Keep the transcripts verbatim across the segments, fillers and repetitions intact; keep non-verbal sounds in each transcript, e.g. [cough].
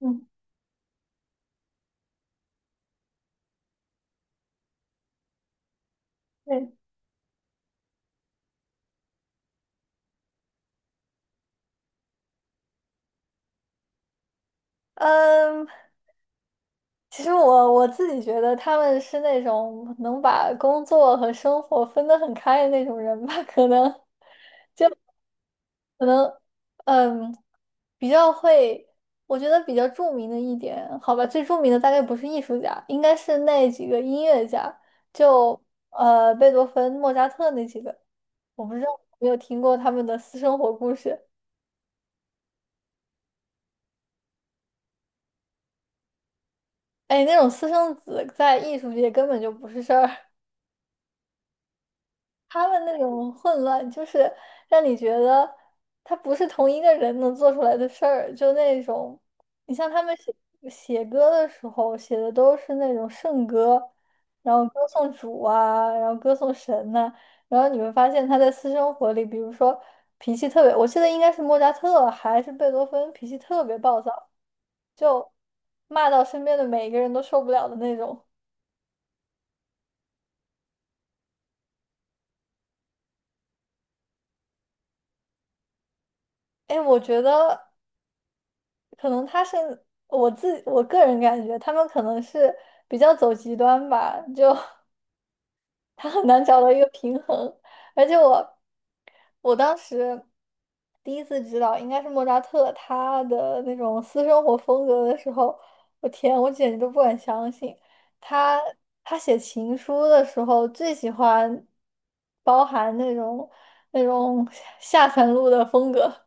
嗯，对，嗯，其实我我自己觉得他们是那种能把工作和生活分得很开的那种人吧，可能，可能，嗯，比较会。我觉得比较著名的一点，好吧，最著名的大概不是艺术家，应该是那几个音乐家，就呃贝多芬、莫扎特那几个。我不知道有没有听过他们的私生活故事。哎，那种私生子在艺术界根本就不是事儿。他们那种混乱，就是让你觉得他不是同一个人能做出来的事儿，就那种。你像他们写写歌的时候，写的都是那种圣歌，然后歌颂主啊，然后歌颂神呐、然后你会发现他在私生活里，比如说脾气特别，我记得应该是莫扎特还是贝多芬，脾气特别暴躁，就骂到身边的每一个人都受不了的那种。哎，我觉得。可能他是我自我个人感觉，他们可能是比较走极端吧，就 [laughs] 他很难找到一个平衡。而且我我当时第一次知道应该是莫扎特他的那种私生活风格的时候，我天，我简直都不敢相信。他他写情书的时候最喜欢包含那种那种 [laughs] 下三路的风格。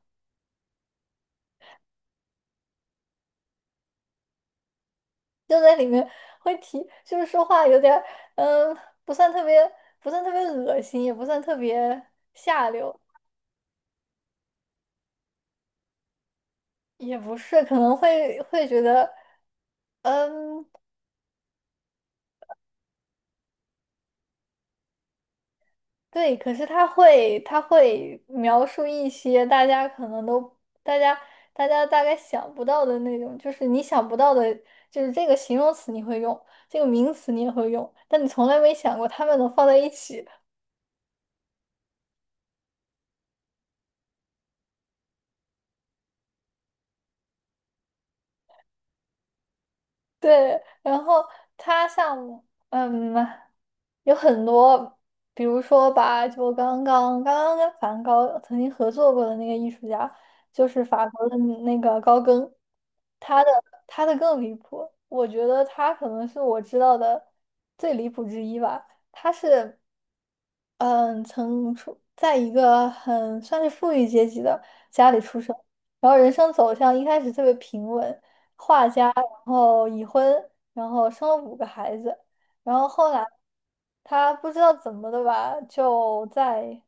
就在里面会提，就是说话有点儿嗯，不算特别，不算特别恶心，也不算特别下流。也不是，可能会会觉得。嗯，对，可是他会他会描述一些大家可能都大家大家大概想不到的那种，就是你想不到的。就是这个形容词你会用，这个名词你也会用，但你从来没想过他们能放在一起。对，然后他像嗯，有很多。比如说吧，就刚刚刚刚跟梵高曾经合作过的那个艺术家，就是法国的那个高更。他的他的更离谱，我觉得他可能是我知道的最离谱之一吧。他是嗯，曾出在一个很算是富裕阶级的家里出生，然后人生走向一开始特别平稳，画家，然后已婚，然后生了五个孩子，然后后来他不知道怎么的吧，就在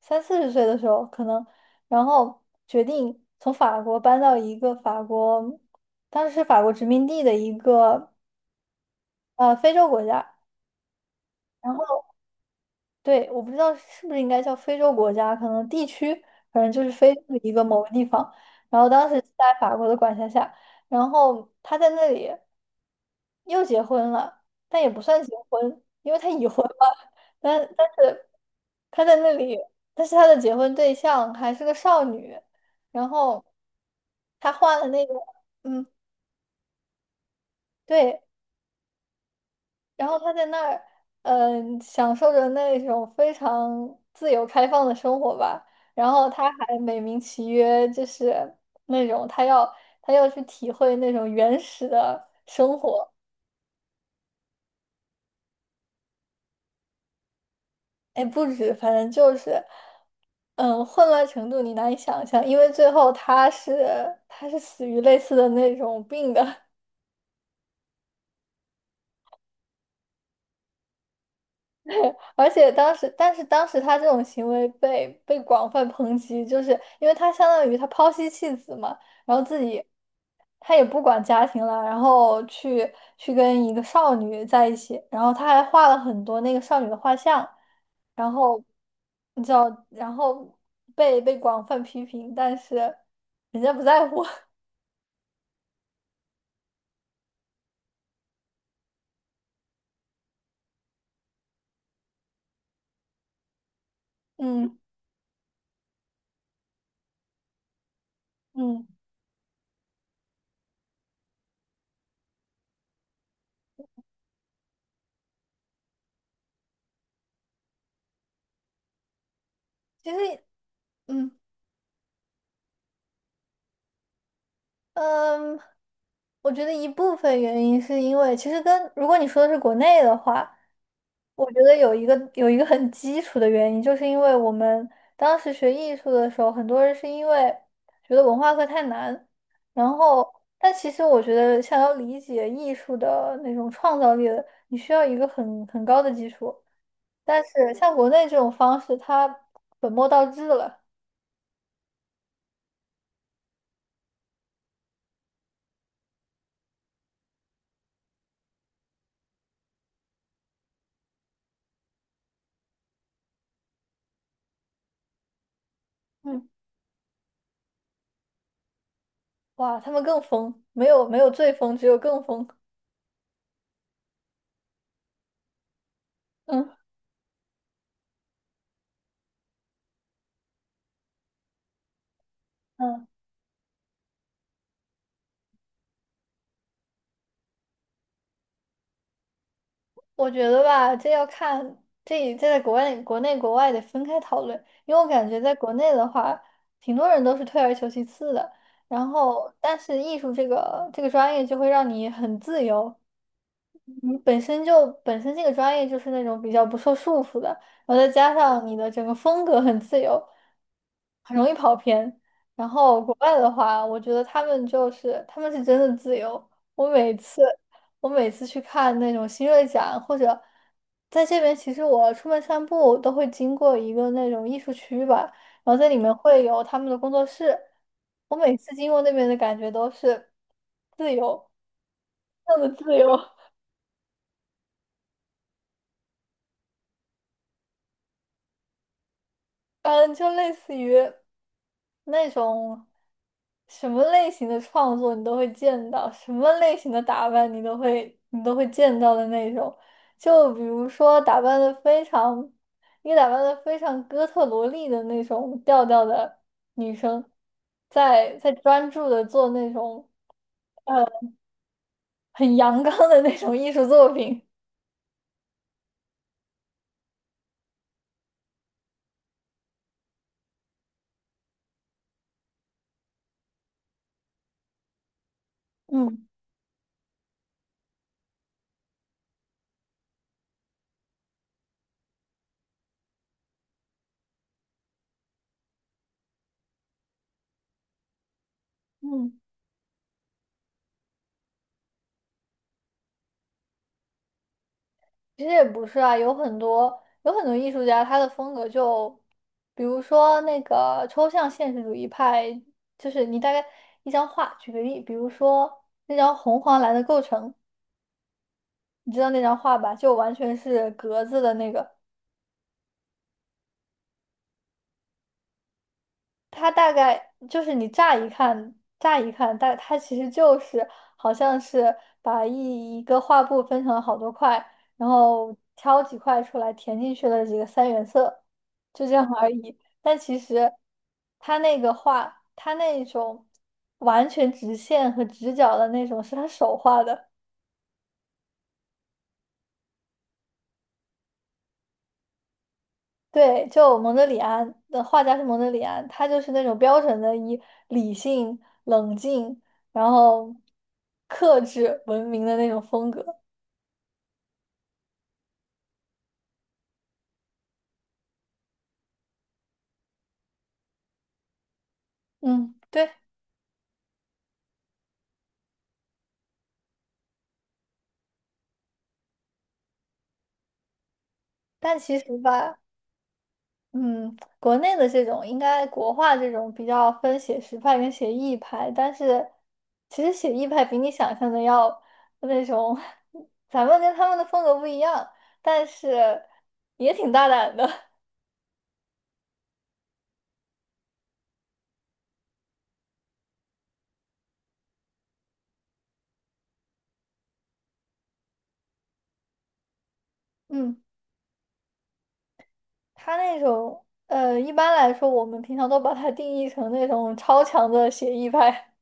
三四十岁的时候可能，然后决定从法国搬到一个法国，当时是法国殖民地的一个呃非洲国家。然后。对，我不知道是不是应该叫非洲国家，可能地区，反正就是非洲的一个某个地方。然后当时是在法国的管辖下，然后他在那里又结婚了，但也不算结婚，因为他已婚了。但但是他在那里，但是他的结婚对象还是个少女。然后他换了那个。嗯，对，然后他在那儿，嗯、享受着那种非常自由开放的生活吧。然后他还美名其曰，就是那种他要他要去体会那种原始的生活。哎，不止，反正就是。嗯，混乱程度你难以想象，因为最后他是他是死于类似的那种病的。而且当时，但是当时他这种行为被被广泛抨击，就是因为他相当于他抛妻弃子嘛，然后自己他也不管家庭了，然后去去跟一个少女在一起，然后他还画了很多那个少女的画像。然后你知道，然后被被广泛批评，但是人家不在乎。[laughs] 嗯嗯，其实嗯。嗯，我觉得一部分原因是因为，其实跟如果你说的是国内的话，我觉得有一个有一个很基础的原因，就是因为我们当时学艺术的时候，很多人是因为觉得文化课太难。然后但其实我觉得想要理解艺术的那种创造力的，你需要一个很很高的基础。但是像国内这种方式，它本末倒置了。嗯，哇，他们更疯，没有没有最疯，只有更疯。嗯。嗯，我觉得吧，这要看这这在国外、国内、国外得分开讨论，因为我感觉在国内的话，挺多人都是退而求其次的。然后，但是艺术这个这个专业就会让你很自由，你本身就本身这个专业就是那种比较不受束缚的，然后再加上你的整个风格很自由，很容易跑偏。然后国外的话，我觉得他们就是他们是真的自由。我每次我每次去看那种新锐展，或者在这边，其实我出门散步都会经过一个那种艺术区吧，然后在里面会有他们的工作室。我每次经过那边的感觉都是自由，那么自由。嗯，就类似于那种什么类型的创作你都会见到，什么类型的打扮你都会你都会见到的那种。就比如说打扮的非常，一个打扮的非常哥特萝莉的那种调调的女生，在在专注的做那种很阳刚的那种艺术作品。嗯嗯。其实也不是啊，有很多有很多艺术家，他的风格就，比如说那个抽象现实主义派，就是你大概一张画，举个例，比如说那张红黄蓝的构成，你知道那张画吧，就完全是格子的那个。它大概就是你乍一看，乍一看，但它其实就是好像是把一一个画布分成了好多块，然后挑几块出来填进去了几个三原色，就这样而已。但其实它那个画，它那种完全直线和直角的那种，是他手画的。对，就蒙德里安的画家是蒙德里安，他就是那种标准的以理性、冷静，然后克制文明的那种风格。嗯，对。但其实吧，嗯，国内的这种应该国画这种比较分写实派跟写意派，但是其实写意派比你想象的要那种，[laughs] 咱们跟他们的风格不一样，但是也挺大胆的。[laughs] 嗯。他那种呃，一般来说，我们平常都把它定义成那种超强的写意派，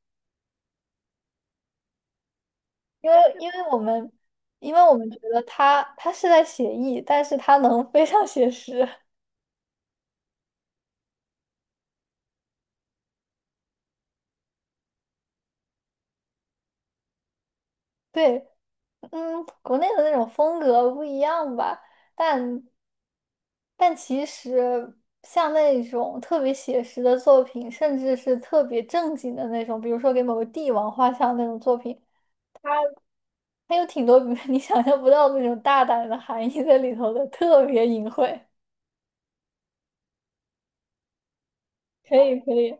[laughs] 因为因为我们因为我们觉得他他是在写意，但是他能非常写实。对，嗯，国内的那种风格不一样吧，但但其实像那种特别写实的作品，甚至是特别正经的那种，比如说给某个帝王画像那种作品。它有挺多 [laughs] 你想象不到那种大胆的含义在里头的，特别隐晦。可以，可以。